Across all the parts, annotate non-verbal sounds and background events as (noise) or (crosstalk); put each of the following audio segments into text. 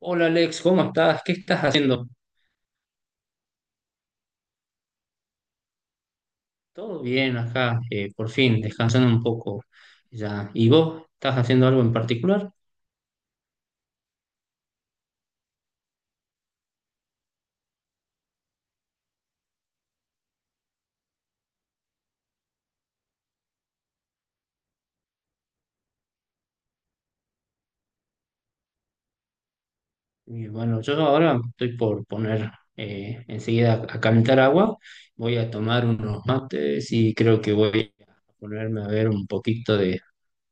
Hola Alex, ¿cómo estás? ¿Qué estás haciendo? Todo bien acá, por fin, descansando un poco ya. ¿Y vos estás haciendo algo en particular? Y bueno, yo ahora estoy por poner enseguida a calentar agua, voy a tomar unos mates y creo que voy a ponerme a ver un poquito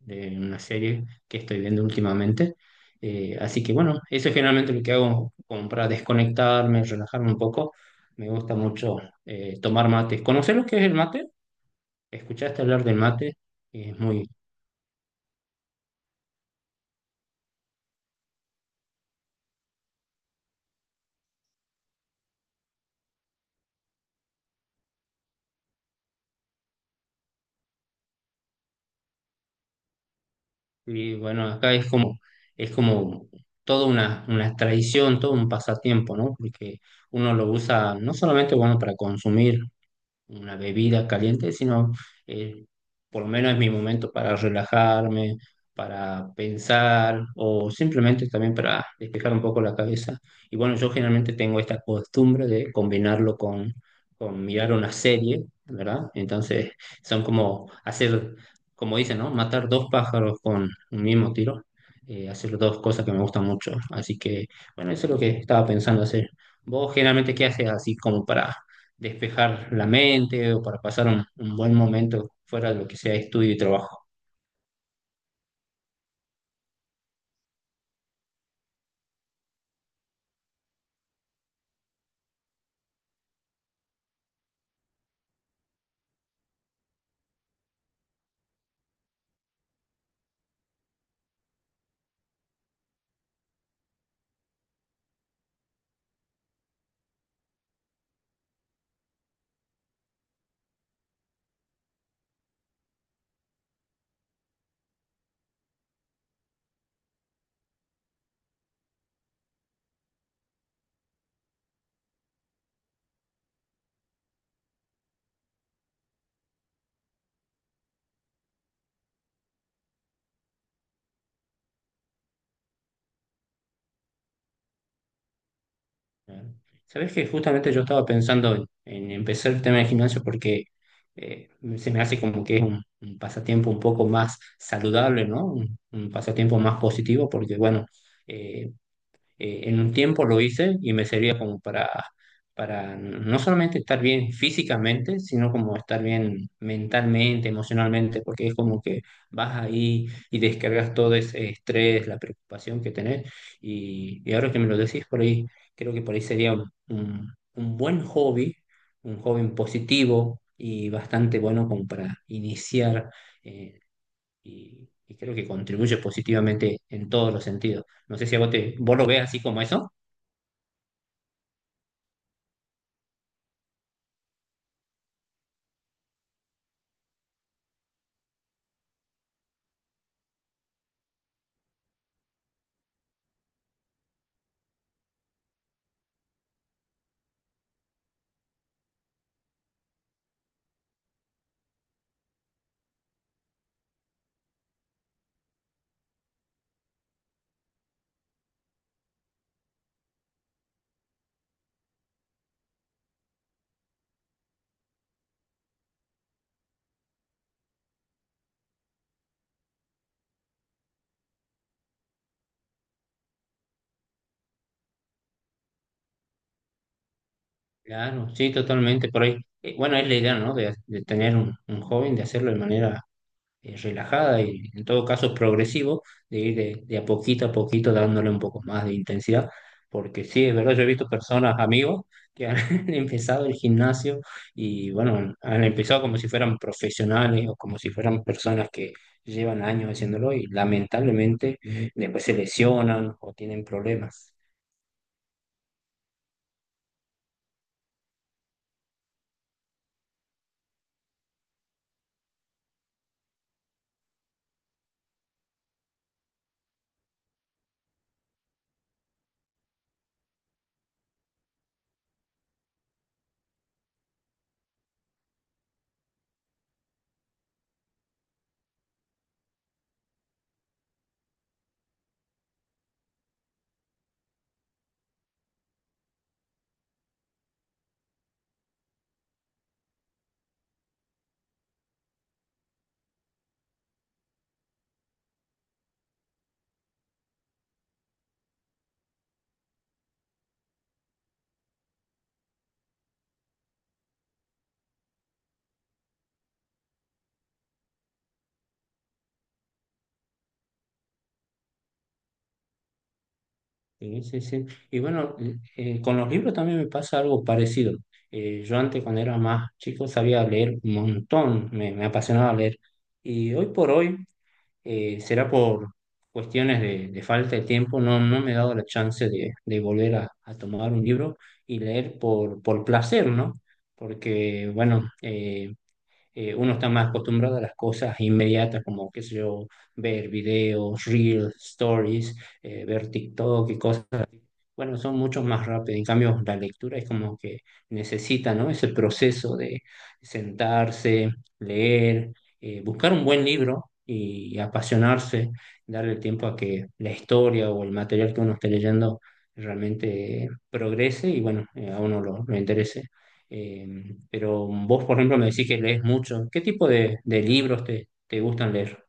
de una serie que estoy viendo últimamente. Así que bueno, eso es generalmente lo que hago como para desconectarme, relajarme un poco. Me gusta mucho tomar mates. ¿Conoces lo que es el mate? ¿Escuchaste hablar del mate? Es muy, y bueno, acá es como toda una tradición, todo un pasatiempo, ¿no? Porque uno lo usa no solamente, bueno, para consumir una bebida caliente, sino eh, por lo menos es mi momento para relajarme, para pensar o simplemente también para despejar un poco la cabeza. Y bueno, yo generalmente tengo esta costumbre de combinarlo con mirar una serie, ¿verdad? Entonces son como hacer, como dicen, ¿no? Matar dos pájaros con un mismo tiro. Hacer dos cosas que me gustan mucho. Así que, bueno, eso es lo que estaba pensando hacer. ¿Vos generalmente qué haces así como para despejar la mente o para pasar un buen momento fuera de lo que sea estudio y trabajo? ¿No? Sabes que justamente yo estaba pensando en empezar el tema de gimnasio porque eh, se me hace como que es un pasatiempo un poco más saludable, ¿no? Un pasatiempo más positivo porque, bueno, eh, en un tiempo lo hice y me servía como para no solamente estar bien físicamente, sino como estar bien mentalmente, emocionalmente, porque es como que vas ahí y descargas todo ese estrés, la preocupación que tenés. Y ahora que me lo decís por ahí, creo que por ahí sería un, un buen hobby, un hobby positivo y bastante bueno como para iniciar. eh, y, y creo que contribuye positivamente en todos los sentidos. No sé si a vos, te, vos lo ves así como eso. Claro, sí, totalmente, por ahí. Bueno, es la idea, ¿no? De tener un joven, de hacerlo de manera relajada y en todo caso progresivo, de ir de a poquito dándole un poco más de intensidad, porque sí, es verdad, yo he visto personas, amigos, que han (laughs) empezado el gimnasio y bueno, han empezado como si fueran profesionales o como si fueran personas que llevan años haciéndolo y lamentablemente después se lesionan o tienen problemas. Sí, sí, sí. Y bueno, con los libros también me pasa algo parecido. Yo antes, cuando era más chico, sabía leer un montón, me apasionaba leer. Y hoy por hoy, será por cuestiones de falta de tiempo, no, no me he dado la chance de volver a tomar un libro y leer por placer, ¿no? Porque, bueno, uno está más acostumbrado a las cosas inmediatas, como, qué sé yo, ver videos, reels, stories, ver TikTok y cosas bueno, son mucho más rápidos. En cambio, la lectura es como que necesita, ¿no? Ese proceso de sentarse, leer, buscar un buen libro y, apasionarse, darle tiempo a que la historia o el material que uno esté leyendo realmente progrese y, bueno, a uno lo interese. Eh, pero vos, por ejemplo, me decís que lees mucho. ¿Qué tipo de libros te, te gustan leer?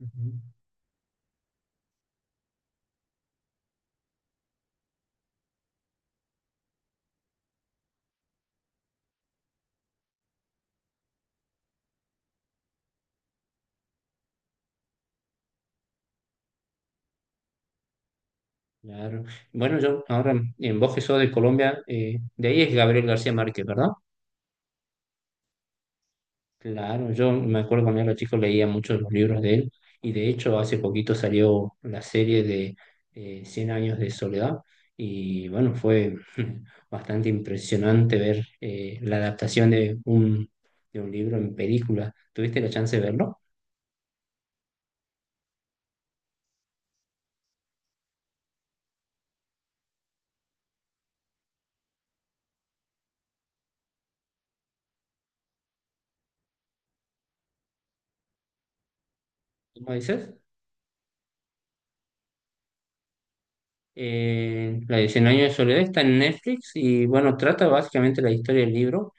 Ujú. Claro. Bueno, yo ahora en vos que sos de Colombia, de ahí es Gabriel García Márquez, ¿verdad? Claro, yo me acuerdo cuando era chico leía muchos de los libros de él y de hecho hace poquito salió la serie de 100 años de soledad y bueno, fue (laughs) bastante impresionante ver la adaptación de un libro en película. ¿Tuviste la chance de verlo? ¿Cómo dices? La de Cien años de soledad está en Netflix y bueno, trata básicamente la historia del libro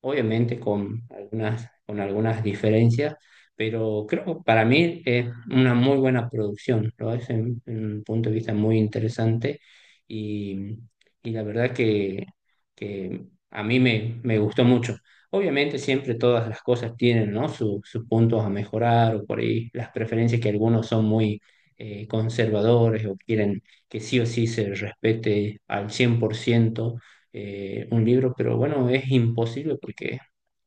obviamente con algunas diferencias, pero creo que para mí es una muy buena producción, lo es en un punto de vista muy interesante y, y la verdad que a mí me, me gustó mucho. Obviamente siempre todas las cosas tienen, ¿no? Sus puntos a mejorar o por ahí las preferencias que algunos son muy conservadores o quieren que sí o sí se respete al 100% un libro, pero bueno, es imposible porque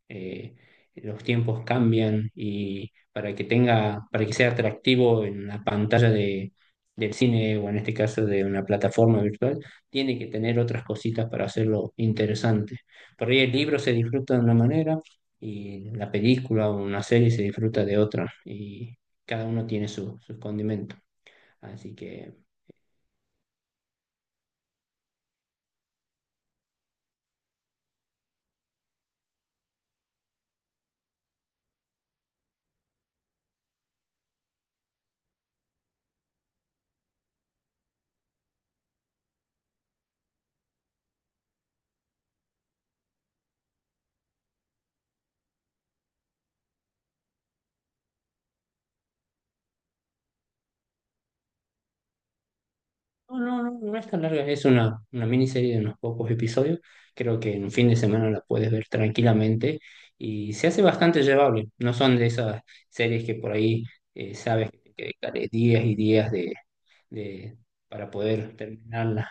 eh, los tiempos cambian y para que tenga, para que sea atractivo en la pantalla de, del cine o en este caso de una plataforma virtual, tiene que tener otras cositas para hacerlo interesante. Por ahí el libro se disfruta de una manera y la película o una serie se disfruta de otra y cada uno tiene su, sus condimentos. Así que no, no, no, no es tan larga, es una miniserie de unos pocos episodios. Creo que en un fin de semana la puedes ver tranquilamente y se hace bastante llevable. No son de esas series que por ahí sabes que te dedicaré días y días de, de- para poder terminarla.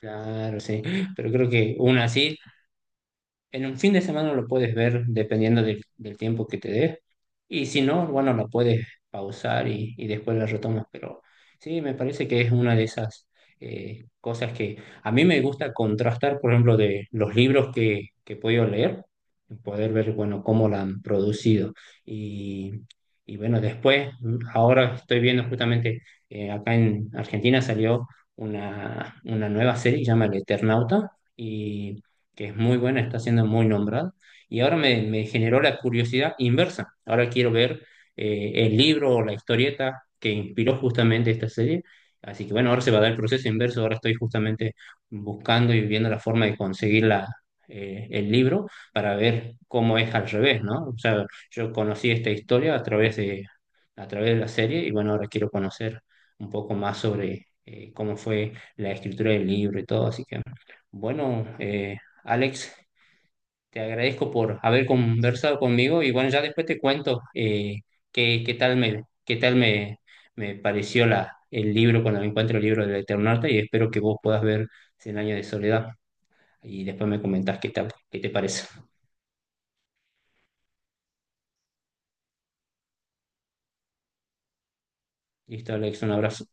Claro, sí. Pero creo que una así en un fin de semana lo puedes ver dependiendo del, del tiempo que te dé. Y si no, bueno, lo puedes pausar y después lo retomas. Pero sí, me parece que es una de esas cosas que a mí me gusta contrastar, por ejemplo, de los libros que he podido leer, y poder ver, bueno, cómo la han producido. Y, y bueno, después, ahora estoy viendo justamente, acá en Argentina salió una nueva serie, que se llama El Eternauta. Y que es muy buena, está siendo muy nombrada, y ahora me, me generó la curiosidad inversa. Ahora quiero ver el libro o la historieta que inspiró justamente esta serie. Así que bueno, ahora se va a dar el proceso inverso, ahora estoy justamente buscando y viendo la forma de conseguir la, el libro para ver cómo es al revés, ¿no? O sea, yo conocí esta historia a través de la serie y bueno, ahora quiero conocer un poco más sobre cómo fue la escritura del libro y todo, así que bueno, Alex, te agradezco por haber conversado conmigo y bueno, ya después te cuento qué, qué tal me, me pareció la, el libro cuando me encuentro el libro del Eternauta y espero que vos puedas ver Cien años de soledad y después me comentás qué tal, qué te parece. Listo, Alex, un abrazo.